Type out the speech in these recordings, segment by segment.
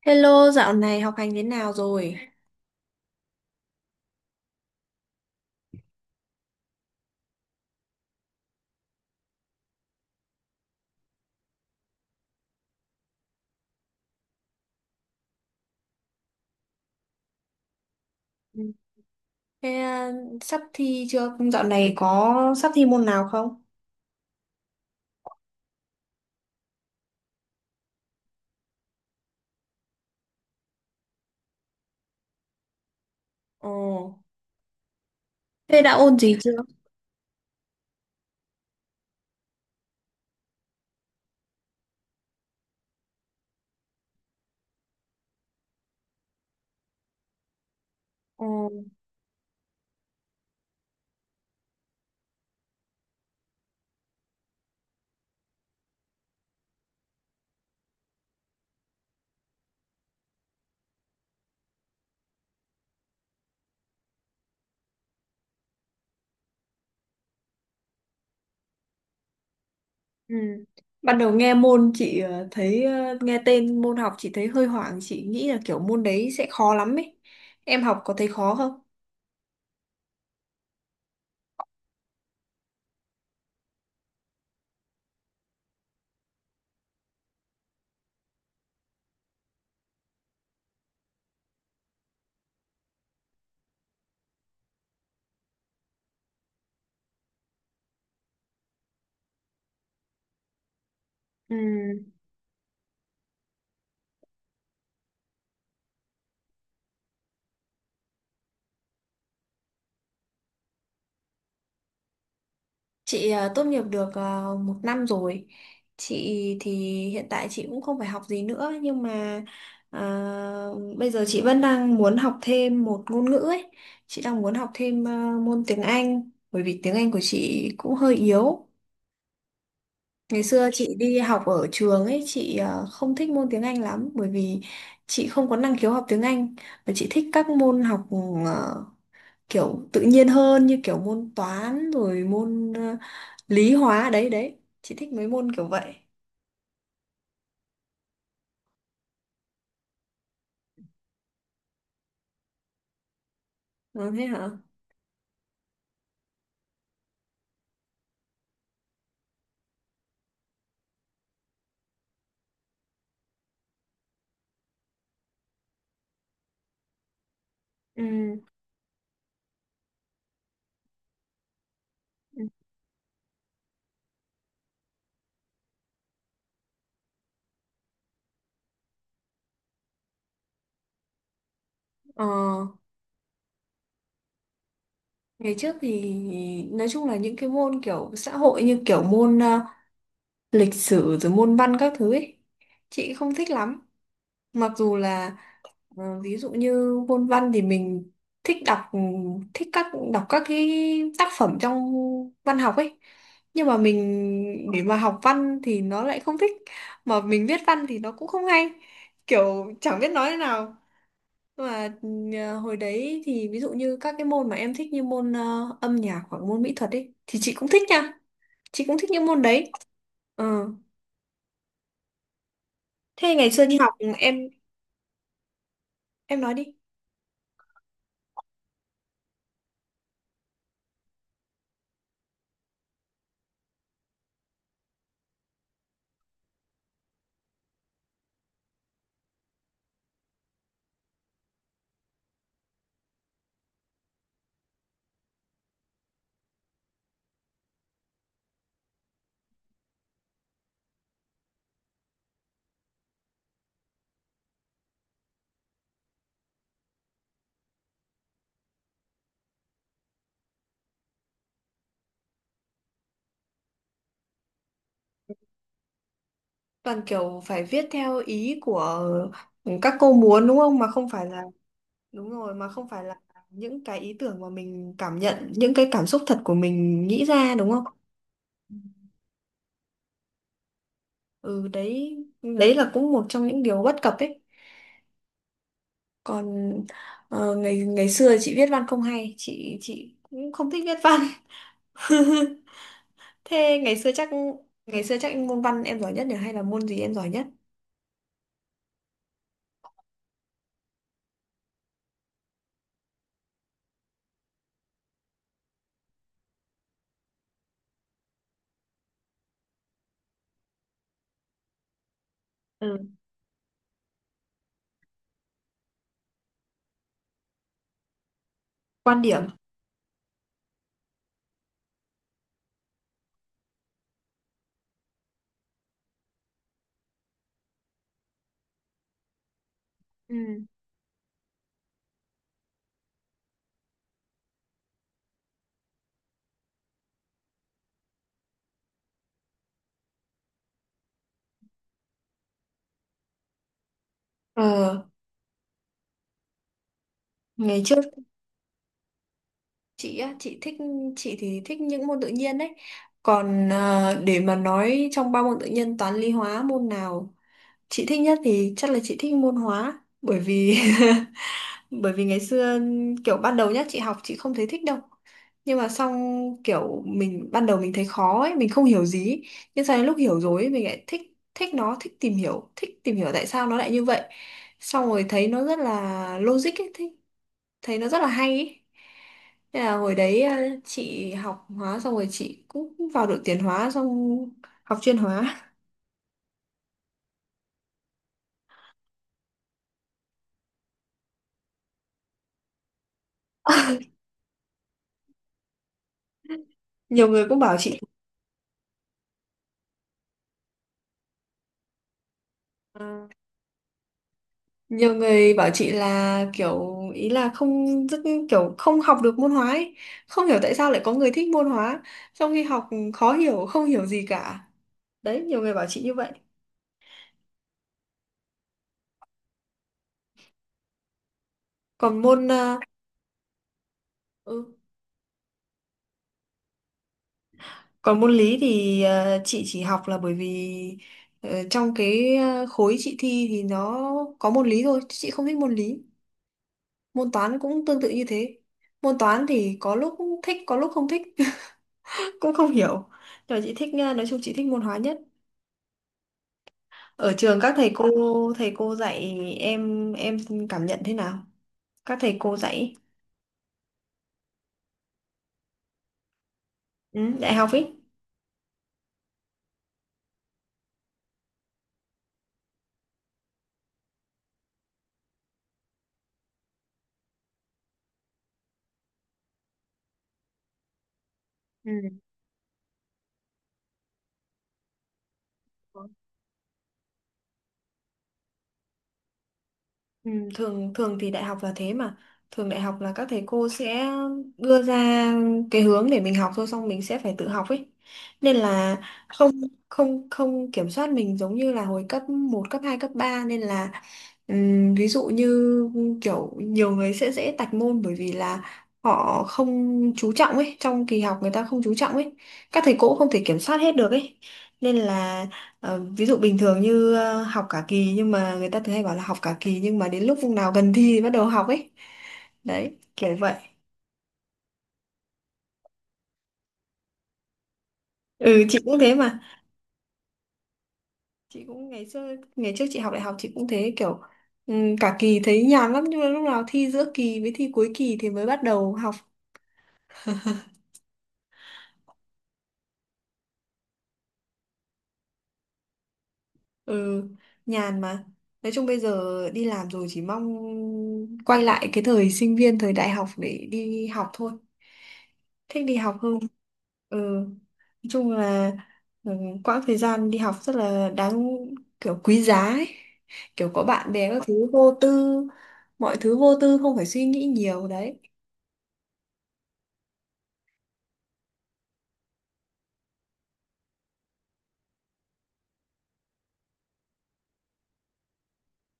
Hello, dạo này học hành thế nào rồi? Ừ. Thế à, sắp thi chưa? Dạo này có sắp thi môn nào không? Ồ, thế đã ôn gì chưa? Ồ, ừ. Ban đầu nghe môn chị thấy nghe tên môn học chị thấy hơi hoảng, chị nghĩ là kiểu môn đấy sẽ khó lắm ấy. Em học có thấy khó không? Ừ. Chị tốt nghiệp được một năm rồi. Chị thì hiện tại chị cũng không phải học gì nữa nhưng mà à, bây giờ chị vẫn đang muốn học thêm một ngôn ngữ ấy. Chị đang muốn học thêm môn tiếng Anh bởi vì tiếng Anh của chị cũng hơi yếu. Ngày xưa chị đi học ở trường ấy chị không thích môn tiếng Anh lắm bởi vì chị không có năng khiếu học tiếng Anh và chị thích các môn học à, kiểu tự nhiên hơn như kiểu môn toán rồi môn lý hóa đấy đấy chị thích mấy môn kiểu vậy. Ờ, thế hả. Ừ. Ừ. ờ, Ngày trước thì nói chung là những cái môn kiểu xã hội như kiểu môn lịch sử rồi môn văn các thứ ấy chị không thích lắm, mặc dù là ví dụ như môn văn thì mình thích đọc, thích đọc các cái tác phẩm trong văn học ấy, nhưng mà mình để mà học văn thì nó lại không thích, mà mình viết văn thì nó cũng không hay, kiểu chẳng biết nói thế nào. Và hồi đấy thì ví dụ như các cái môn mà em thích như môn âm nhạc hoặc môn mỹ thuật ấy thì chị cũng thích nha. Chị cũng thích những môn đấy. Ờ. Thế ngày xưa đi học em em nói đi. Toàn kiểu phải viết theo ý của các cô muốn đúng không? Mà không phải là đúng rồi, mà không phải là những cái ý tưởng mà mình cảm nhận, những cái cảm xúc thật của mình nghĩ ra đúng không? Ừ đấy, đấy là cũng một trong những điều bất cập ấy. Còn ờ, ngày ngày xưa chị viết văn không hay, chị cũng không thích viết văn thế ngày xưa chắc môn văn em giỏi nhất nhỉ, hay là môn gì em giỏi nhất? Ừ. Quan điểm. Ừ. Ờ, ngày trước chị á, chị thích, chị thì thích những môn tự nhiên đấy. Còn để mà nói trong ba môn tự nhiên toán lý hóa, môn nào chị thích nhất thì chắc là chị thích môn hóa, bởi vì bởi vì ngày xưa kiểu ban đầu nhá chị học chị không thấy thích đâu, nhưng mà xong kiểu mình ban đầu mình thấy khó ấy, mình không hiểu gì ấy. Nhưng sau đến lúc hiểu rồi ấy, mình lại thích, thích nó, thích tìm hiểu, thích tìm hiểu tại sao nó lại như vậy, xong rồi thấy nó rất là logic ấy, thấy, thấy nó rất là hay ấy. Thế là hồi đấy chị học hóa xong rồi chị cũng vào đội tuyển hóa, xong học chuyên hóa. Nhiều người cũng bảo chị "Ờ, nhiều người bảo chị là kiểu ý là không rất kiểu không học được môn hóa ấy. Không hiểu tại sao lại có người thích môn hóa trong khi học khó hiểu không hiểu gì cả, đấy nhiều người bảo chị như vậy. Còn môn ừ, còn môn lý thì chị chỉ học là bởi vì trong cái khối chị thi thì nó có môn lý thôi, chứ chị không thích môn lý. Môn toán cũng tương tự như thế, môn toán thì có lúc thích có lúc không thích cũng không hiểu, nhưng mà chị thích nói chung chị thích môn hóa nhất. Ở trường các thầy cô, thầy cô dạy, em cảm nhận thế nào? Các thầy cô dạy ừ, dạy học ý. Ừ. Ừ, thường thường thì đại học là thế mà, thường đại học là các thầy cô sẽ đưa ra cái hướng để mình học thôi, xong mình sẽ phải tự học ấy, nên là không không không kiểm soát mình giống như là hồi cấp một cấp 2 cấp ba, nên là ví dụ như kiểu nhiều người sẽ dễ tạch môn bởi vì là họ không chú trọng ấy, trong kỳ học người ta không chú trọng ấy, các thầy cô cũng không thể kiểm soát hết được ấy, nên là Ờ, ví dụ bình thường như học cả kỳ, nhưng mà người ta thường hay bảo là học cả kỳ nhưng mà đến lúc vùng nào gần thi thì bắt đầu học ấy. Đấy, kiểu vậy. Ừ, chị cũng thế mà. Chị cũng ngày xưa ngày trước chị học đại học chị cũng thế, kiểu cả kỳ thấy nhàn lắm nhưng mà lúc nào thi giữa kỳ với thi cuối kỳ thì mới bắt đầu học. Ừ, nhàn mà. Nói chung bây giờ đi làm rồi chỉ mong quay lại cái thời sinh viên, thời đại học để đi học thôi. Thích đi học hơn. Ừ. Nói chung là ừ, quãng thời gian đi học rất là đáng, kiểu quý giá ấy. Kiểu có bạn bè các thứ vô tư, mọi thứ vô tư không phải suy nghĩ nhiều đấy.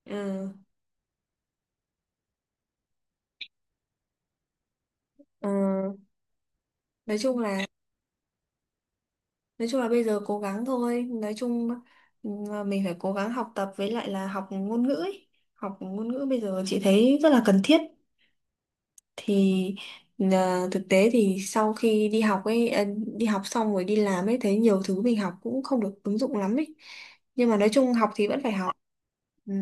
Ừ, ừ. Nói chung là nói chung là bây giờ cố gắng thôi. Nói chung ừ, mình phải cố gắng học tập với lại là học ngôn ngữ ấy. Học ngôn ngữ bây giờ chị thấy rất là cần thiết. Thì thực tế thì sau khi đi học ấy đi học xong rồi đi làm ấy thấy nhiều thứ mình học cũng không được ứng dụng lắm ấy, nhưng mà nói chung học thì vẫn phải học. Ừ,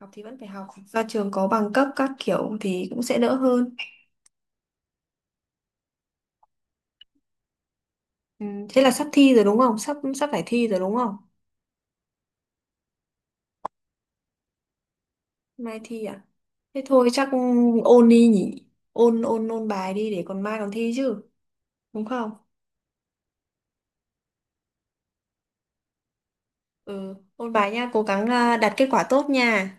học thì vẫn phải học, ra trường có bằng cấp các kiểu thì cũng sẽ đỡ hơn. Ừ, thế là sắp thi rồi đúng không, sắp sắp phải thi rồi đúng không? Mai thi à? Thế thôi chắc ôn đi nhỉ, ôn ôn ôn bài đi để còn mai còn thi chứ, đúng không? Ừ, ôn bài nha, cố gắng đạt kết quả tốt nha.